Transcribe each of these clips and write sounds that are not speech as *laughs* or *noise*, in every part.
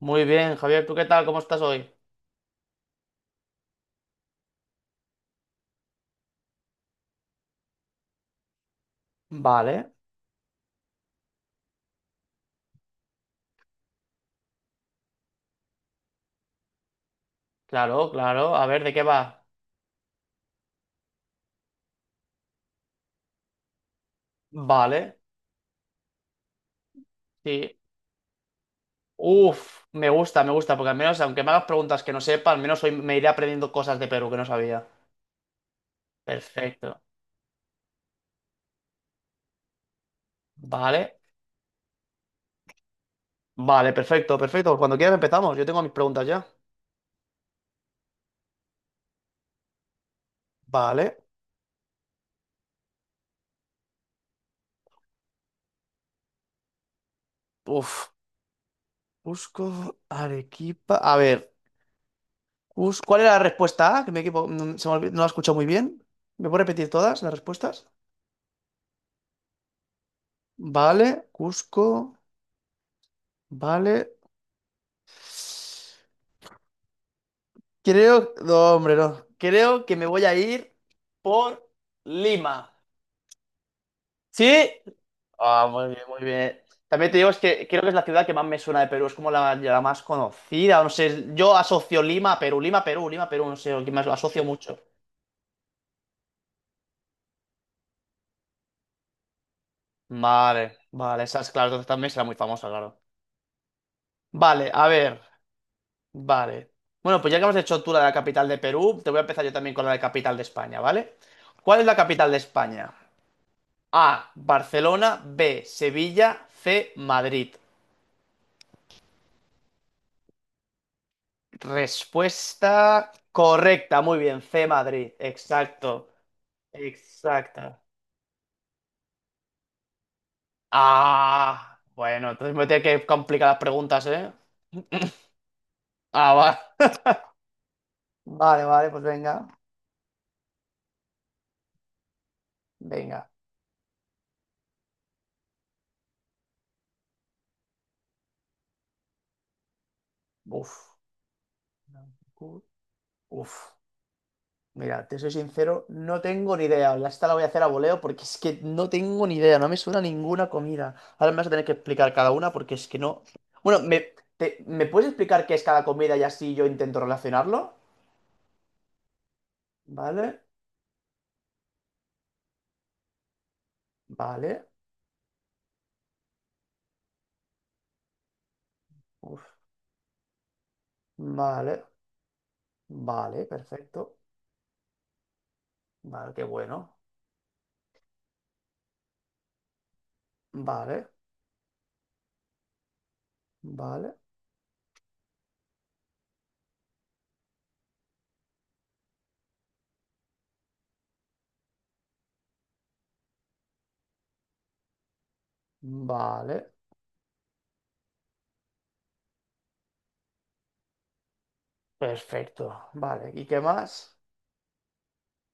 Muy bien, Javier, ¿tú qué tal? ¿Cómo estás hoy? Vale, Claro, claro. A ver, ¿de qué va? Vale. Sí. Uf, me gusta, porque al menos, aunque me hagas preguntas que no sepa, al menos hoy me iré aprendiendo cosas de Perú que no sabía. Perfecto. Vale. Vale, perfecto, perfecto. Cuando quieras empezamos. Yo tengo mis preguntas ya. Vale. Uf. Cusco, Arequipa. A ver, ¿cuál era la respuesta A? Que no, no la he escuchado muy bien. ¿Me puedo repetir todas las respuestas? Vale, Cusco, vale. Creo, no, hombre, no. Creo que me voy a ir por Lima. ¿Sí? Ah, muy bien, muy bien. También te digo, es que creo que es la ciudad que más me suena de Perú, es como la más conocida, no sé, yo asocio Lima a Perú, Lima, Perú, Lima, Perú, no sé, que más lo asocio mucho. Vale, vale, esas, claro, entonces también será muy famosa, claro. Vale, a ver, vale. Bueno, pues ya que hemos hecho tú la de la capital de Perú, te voy a empezar yo también con la de capital de España, ¿vale? ¿Cuál es la capital de España? A, Barcelona, B, Sevilla, C, Madrid. Respuesta correcta, muy bien, C, Madrid, exacto, exacta. Ah, bueno, entonces me voy a tener que complicar las preguntas, ¿eh? *laughs* Ah, va. Vale, vale, pues venga, venga. Uf. Uf. Mira, te soy sincero, no tengo ni idea. Ya esta la voy a hacer a voleo porque es que no tengo ni idea, no me suena ninguna comida. Ahora me vas a tener que explicar cada una porque es que no. Bueno, ¿me puedes explicar qué es cada comida y así yo intento relacionarlo? Vale, vale, uf, vale, vale, perfecto. Vale, qué bueno. Vale, vale, vale, perfecto. Vale, ¿y qué más?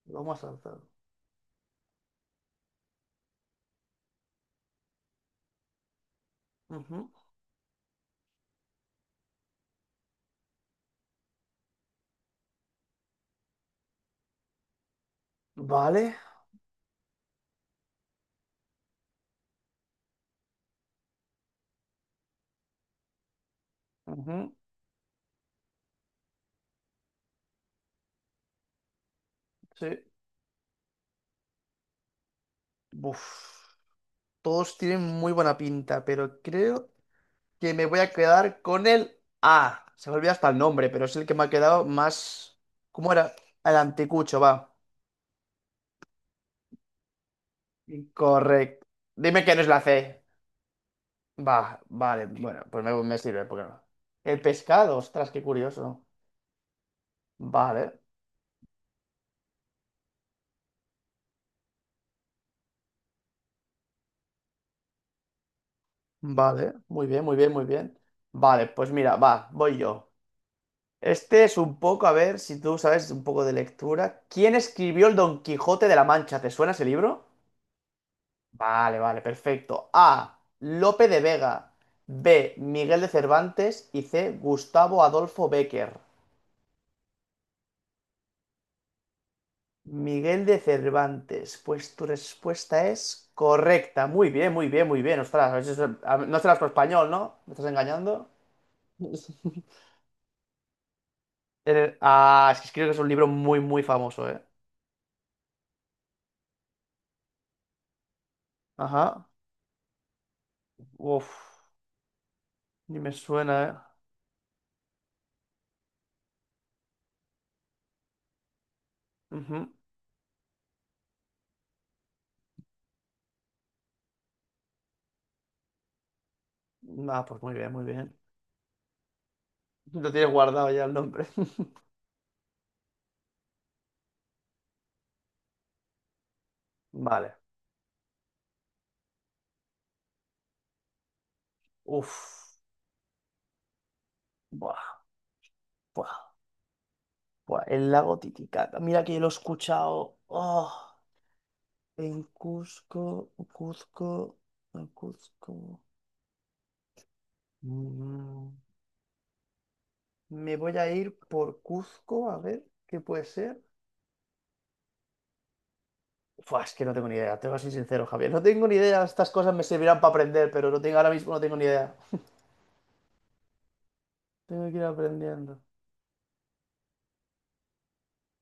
Lo hemos saltado. Ujú. Vale, ujú, sí. Uf. Todos tienen muy buena pinta, pero creo que me voy a quedar con el A. Se me olvida hasta el nombre, pero es el que me ha quedado más... ¿Cómo era? El anticucho, va. Incorrecto. Dime que no es la C. Va, vale. Bueno, pues me sirve, ¿por qué no? El pescado, ostras, qué curioso. Vale, vale. Muy bien, muy bien, muy bien. Vale, pues mira, va, voy yo. Este es un poco, a ver si tú sabes un poco de lectura. ¿Quién escribió el Don Quijote de la Mancha? ¿Te suena ese libro? Vale, vale, perfecto. A. Lope de Vega. B. Miguel de Cervantes. Y C. Gustavo Adolfo Bécquer. Miguel de Cervantes. Pues tu respuesta es correcta. Muy bien, muy bien, muy bien. Ostras, no serás por español, ¿no? ¿Me estás engañando? *laughs* Ah, es que creo que es un libro muy, muy famoso, ¿eh? Ajá. Uf, ni me suena, ¿eh? Ujú. Ah, pues muy bien, muy bien. Lo tienes guardado ya el nombre. *laughs* Vale. Uf. Buah. Buah, buah, el lago Titicaca. Mira que yo lo he escuchado. Oh, en Cusco, Cuzco, en Cuzco. Mm, me voy a ir por Cuzco, a ver qué puede ser. Buah, es que no tengo ni idea, te voy a ser sincero, Javier. No tengo ni idea, estas cosas me servirán para aprender, pero no tengo, ahora mismo no tengo ni idea. Tengo que ir aprendiendo.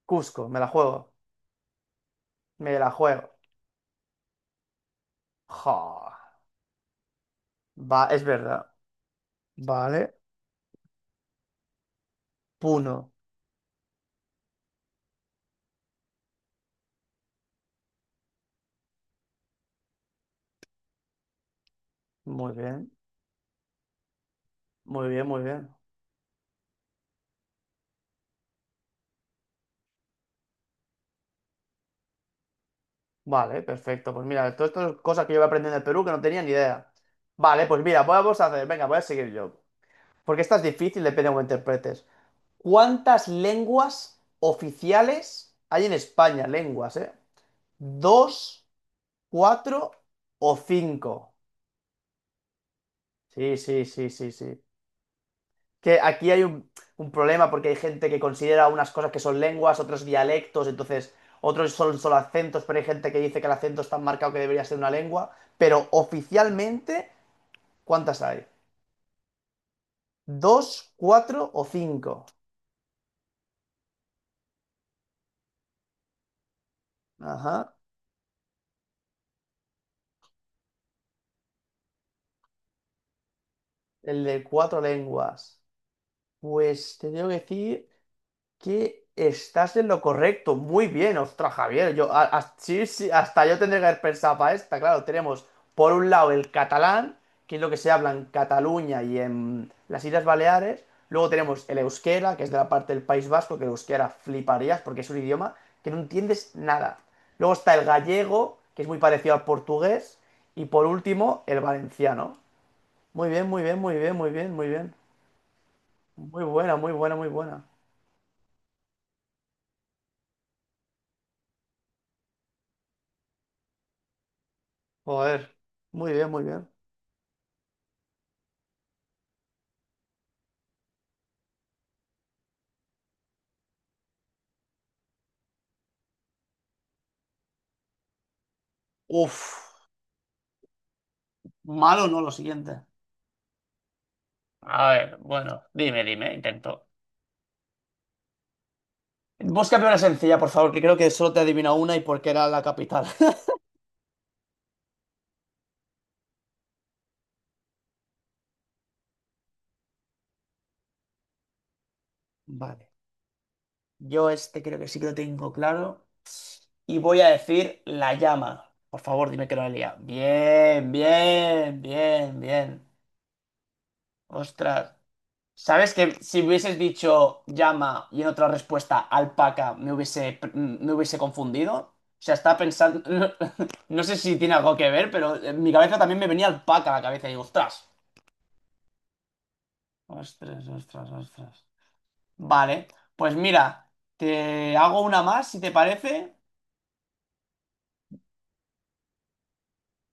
Cusco, me la juego. Me la juego. Jo, va, es verdad. Vale. Puno. Muy bien. Muy bien, muy bien. Vale, perfecto. Pues mira, todo esto es cosas que yo voy aprendiendo en Perú que no tenía ni idea. Vale, pues mira, vamos a hacer, venga, voy a seguir yo. Porque esta es difícil, depende de cómo interpretes. ¿Cuántas lenguas oficiales hay en España? Lenguas, ¿eh? ¿Dos, cuatro o cinco? Sí, sí, sí, sí, sí, que aquí hay un problema porque hay gente que considera unas cosas que son lenguas, otros dialectos, entonces otros son solo acentos, pero hay gente que dice que el acento es tan marcado que debería ser una lengua. Pero oficialmente, ¿cuántas hay? ¿Dos, cuatro o cinco? Ajá. El de cuatro lenguas. Pues te tengo que decir que estás en lo correcto. Muy bien, ostras, Javier. Yo, sí, sí, hasta yo tendría que haber pensado para esta. Claro, tenemos por un lado el catalán, que es lo que se habla en Cataluña y en las Islas Baleares. Luego tenemos el euskera, que es de la parte del País Vasco, que el euskera fliparías porque es un idioma que no entiendes nada. Luego está el gallego, que es muy parecido al portugués. Y por último, el valenciano. Muy bien, muy bien, muy bien, muy bien, muy bien. Muy buena, muy buena, muy buena. Joder. Muy bien, muy bien. Uf, malo no lo siguiente. A ver, bueno, dime, dime, intento. Búscame una sencilla, por favor, que creo que solo te adivina una y porque era la capital. *laughs* Vale. Yo este creo que sí que lo tengo claro. Y voy a decir la llama. Por favor, dime que no la he liado. Bien, bien, bien, bien. Ostras. Sabes que si hubieses dicho llama y en otra respuesta alpaca me hubiese confundido. O sea, estaba pensando. *laughs* No, sé si tiene algo que ver, pero en mi cabeza también me venía alpaca a la cabeza y digo, ostras. Ostras, ostras, ostras. Vale, pues mira, te hago una más si te parece.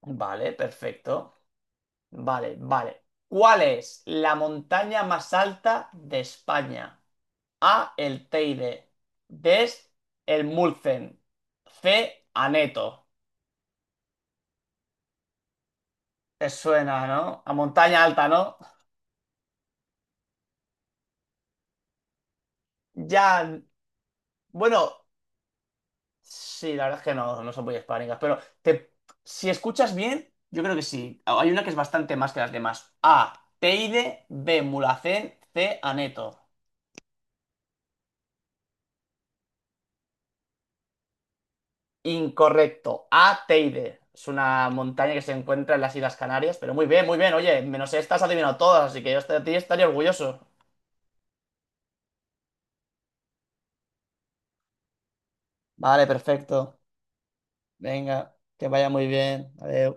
Vale, perfecto. Vale, vale. ¿Cuál es la montaña más alta de España? A. El Teide. D. El Mulzen. C. Aneto. Te suena, ¿no? A montaña alta, ¿no? Ya. Bueno, sí, la verdad es que no, no son muy hispánicas, pero te, si escuchas bien, yo creo que sí. Hay una que es bastante más que las demás. A. Teide. B. Mulhacén. C. Aneto. Incorrecto. A. Teide. Es una montaña que se encuentra en las Islas Canarias, pero muy bien, muy bien. Oye, menos esta has adivinado todas, así que yo de ti estaría orgulloso. Vale, perfecto. Venga, que vaya muy bien. Adiós.